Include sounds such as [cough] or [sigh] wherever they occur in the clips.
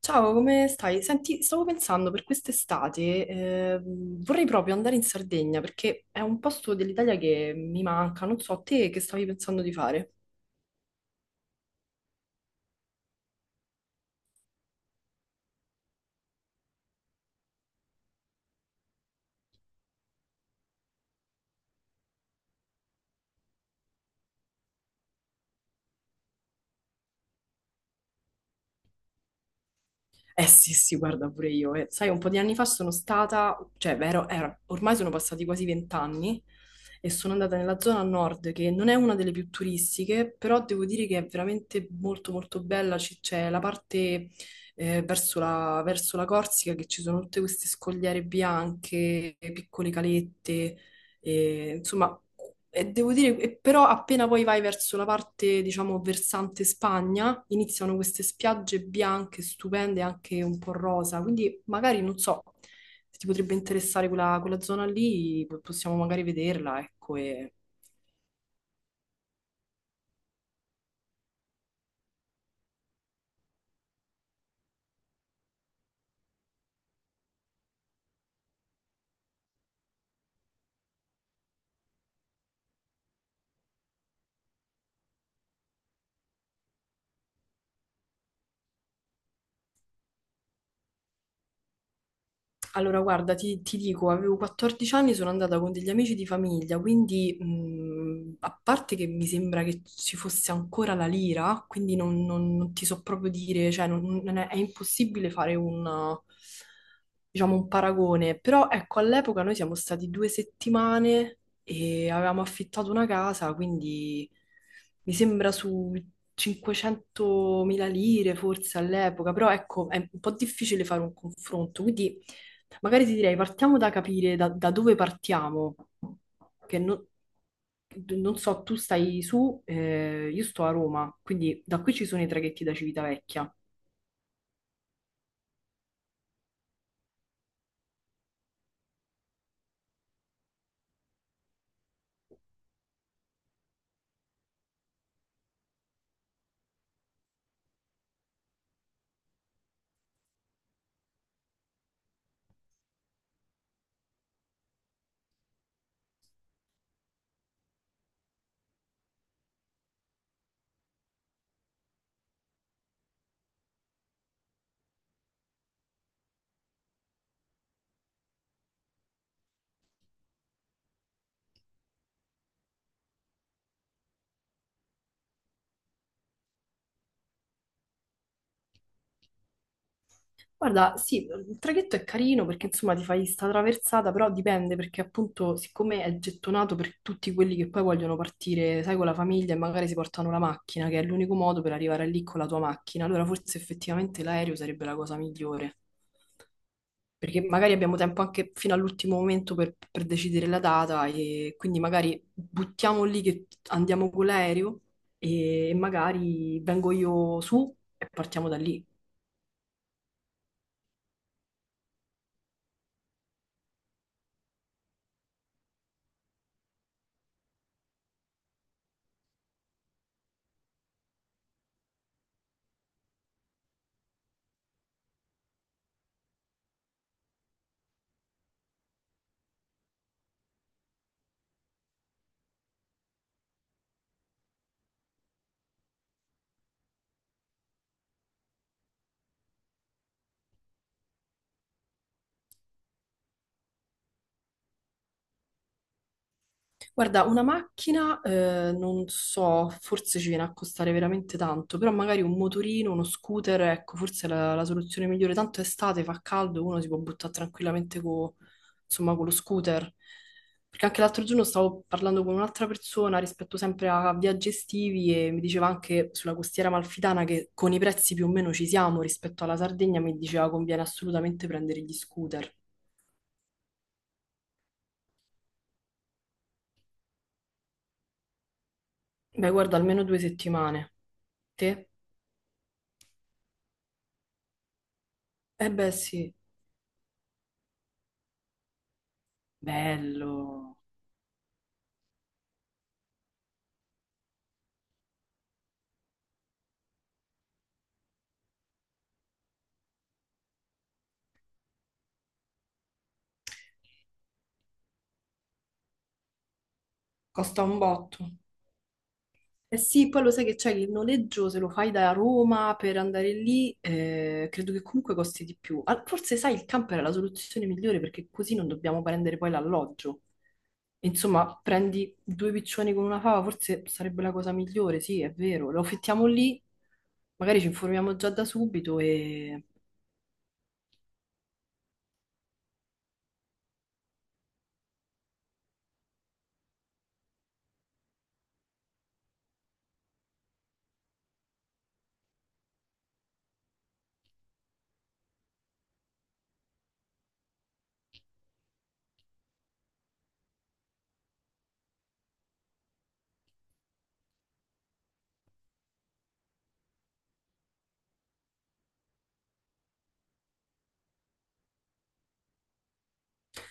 Ciao, come stai? Senti, stavo pensando per quest'estate, vorrei proprio andare in Sardegna perché è un posto dell'Italia che mi manca, non so, te che stavi pensando di fare? Eh sì, sì, guarda pure io. Sai, un po' di anni fa sono stata, cioè, beh, ormai sono passati quasi vent'anni e sono andata nella zona nord, che non è una delle più turistiche, però devo dire che è veramente molto molto bella. C'è la parte verso la Corsica, che ci sono tutte queste scogliere bianche, piccole calette, e, insomma, e devo dire, e però appena poi vai verso la parte, diciamo, versante Spagna, iniziano queste spiagge bianche, stupende, anche un po' rosa, quindi magari, non so, se ti potrebbe interessare quella zona lì, possiamo magari vederla, ecco. E allora, guarda, ti dico, avevo 14 anni, sono andata con degli amici di famiglia, quindi a parte che mi sembra che ci fosse ancora la lira, quindi non ti so proprio dire, cioè non- non è, è impossibile fare un, diciamo, un paragone, però ecco, all'epoca noi siamo stati due settimane e avevamo affittato una casa, quindi mi sembra su 500.000 lire forse all'epoca, però ecco, è un po' difficile fare un confronto, quindi. Magari ti direi, partiamo da capire da dove partiamo, che non so, tu stai su, io sto a Roma, quindi da qui ci sono i traghetti da Civitavecchia. Guarda, sì, il traghetto è carino perché insomma ti fai sta traversata, però dipende perché appunto siccome è gettonato per tutti quelli che poi vogliono partire, sai, con la famiglia e magari si portano la macchina, che è l'unico modo per arrivare lì con la tua macchina, allora forse effettivamente l'aereo sarebbe la cosa migliore, perché magari abbiamo tempo anche fino all'ultimo momento per decidere la data e quindi magari buttiamo lì che andiamo con l'aereo e magari vengo io su e partiamo da lì. Guarda, una macchina, non so, forse ci viene a costare veramente tanto, però magari un motorino, uno scooter, ecco, forse è la soluzione migliore. Tanto è estate, fa caldo, uno si può buttare tranquillamente insomma, con lo scooter. Perché anche l'altro giorno stavo parlando con un'altra persona rispetto sempre a viaggi estivi e mi diceva anche sulla costiera amalfitana che con i prezzi più o meno ci siamo rispetto alla Sardegna, mi diceva conviene assolutamente prendere gli scooter. Beh, guarda, almeno due settimane. Te? Eh beh, sì. Bello. Costa un botto. Eh sì, poi lo sai che c'è che il noleggio, se lo fai da Roma per andare lì, credo che comunque costi di più. Ah, forse, sai, il camper è la soluzione migliore perché così non dobbiamo prendere poi l'alloggio. Insomma, prendi due piccioni con una fava, forse sarebbe la cosa migliore, sì, è vero. Lo affittiamo lì, magari ci informiamo già da subito, e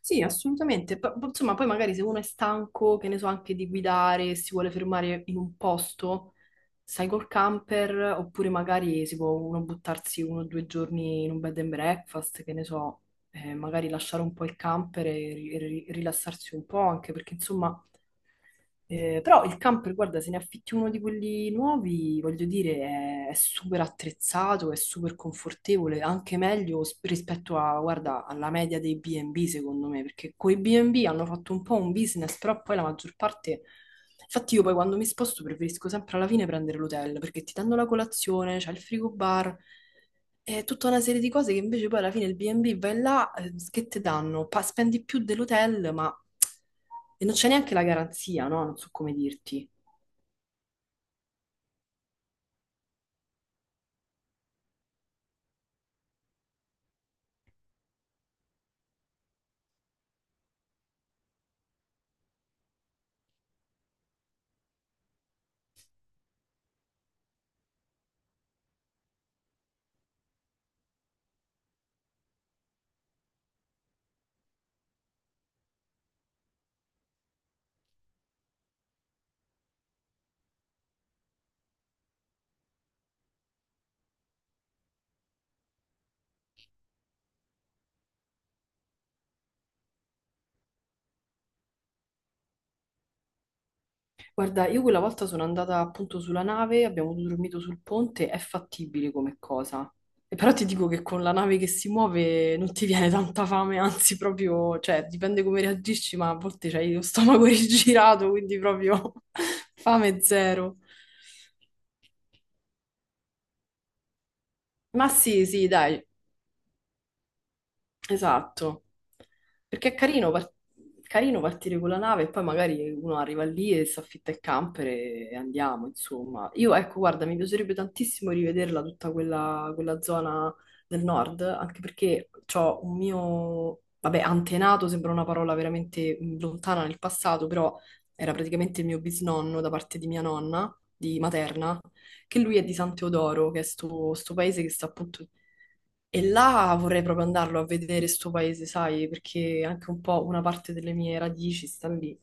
sì, assolutamente. Insomma, poi magari se uno è stanco, che ne so, anche di guidare, e si vuole fermare in un posto, sai col camper, oppure magari si può uno buttarsi uno o due giorni in un bed and breakfast, che ne so, magari lasciare un po' il camper e rilassarsi un po', anche perché insomma però il camper, guarda, se ne affitti uno di quelli nuovi, voglio dire, è super attrezzato, è super confortevole, anche meglio rispetto a, guarda, alla media dei B&B, secondo me, perché coi B&B hanno fatto un po' un business, però poi la maggior parte. Infatti io poi quando mi sposto preferisco sempre alla fine prendere l'hotel, perché ti danno la colazione, c'è il frigo bar, è tutta una serie di cose che invece poi alla fine il B&B vai là, che ti danno? Spendi più dell'hotel, ma e non c'è neanche la garanzia, no? Non so come dirti. Guarda, io quella volta sono andata appunto sulla nave, abbiamo dormito sul ponte, è fattibile come cosa. E però ti dico che con la nave che si muove non ti viene tanta fame, anzi proprio, cioè dipende come reagisci, ma a volte c'hai lo stomaco [laughs] rigirato, quindi proprio [laughs] fame zero. Ma sì, sì, dai, esatto, perché è carino, carino partire con la nave e poi magari uno arriva lì e si affitta il camper e andiamo, insomma. Io ecco, guarda, mi piacerebbe tantissimo rivederla tutta quella zona del nord, anche perché ho un mio, vabbè, antenato, sembra una parola veramente lontana nel passato, però era praticamente il mio bisnonno da parte di mia nonna, di materna, che lui è di San Teodoro, che è sto paese che sta appunto, e là vorrei proprio andarlo a vedere sto paese, sai, perché anche un po' una parte delle mie radici sta lì.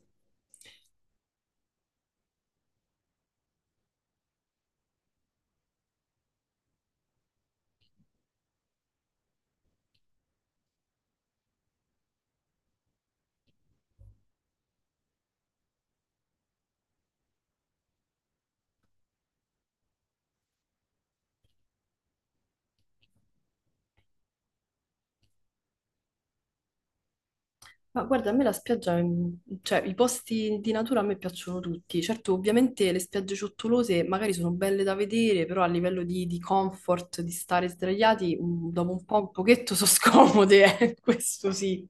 Ma guarda, a me la spiaggia, cioè i posti di natura a me piacciono tutti. Certo, ovviamente le spiagge ciottolose magari sono belle da vedere, però a livello di, comfort, di stare sdraiati, dopo un po' un pochetto sono scomode, [laughs] questo sì.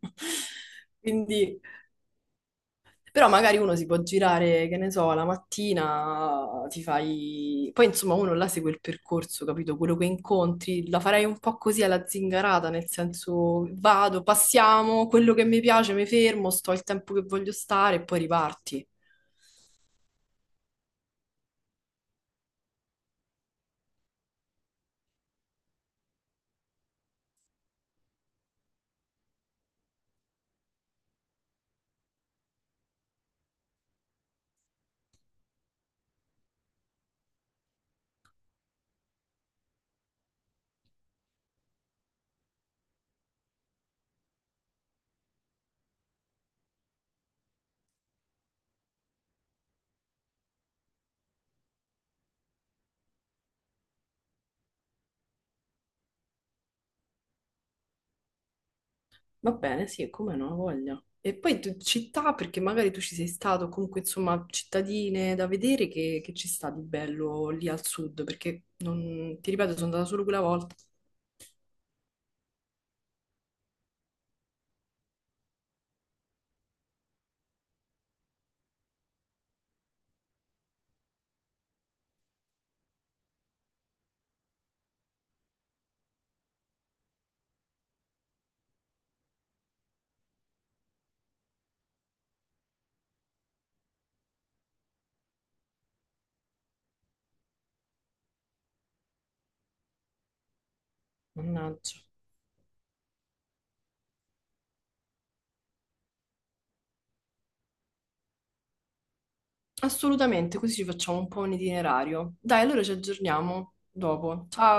Quindi però magari uno si può girare, che ne so, la mattina ti fai. Poi insomma uno là segue il percorso, capito? Quello che incontri, la farei un po' così alla zingarata, nel senso vado, passiamo, quello che mi piace mi fermo, sto il tempo che voglio stare e poi riparti. Va bene, sì, e come non ho voglia. E poi città, perché magari tu ci sei stato, comunque insomma cittadine da vedere che, ci sta di bello lì al sud, perché non, ti ripeto, sono andata solo quella volta. Mannaggia. Assolutamente, così ci facciamo un po' un itinerario. Dai, allora ci aggiorniamo dopo. Ciao!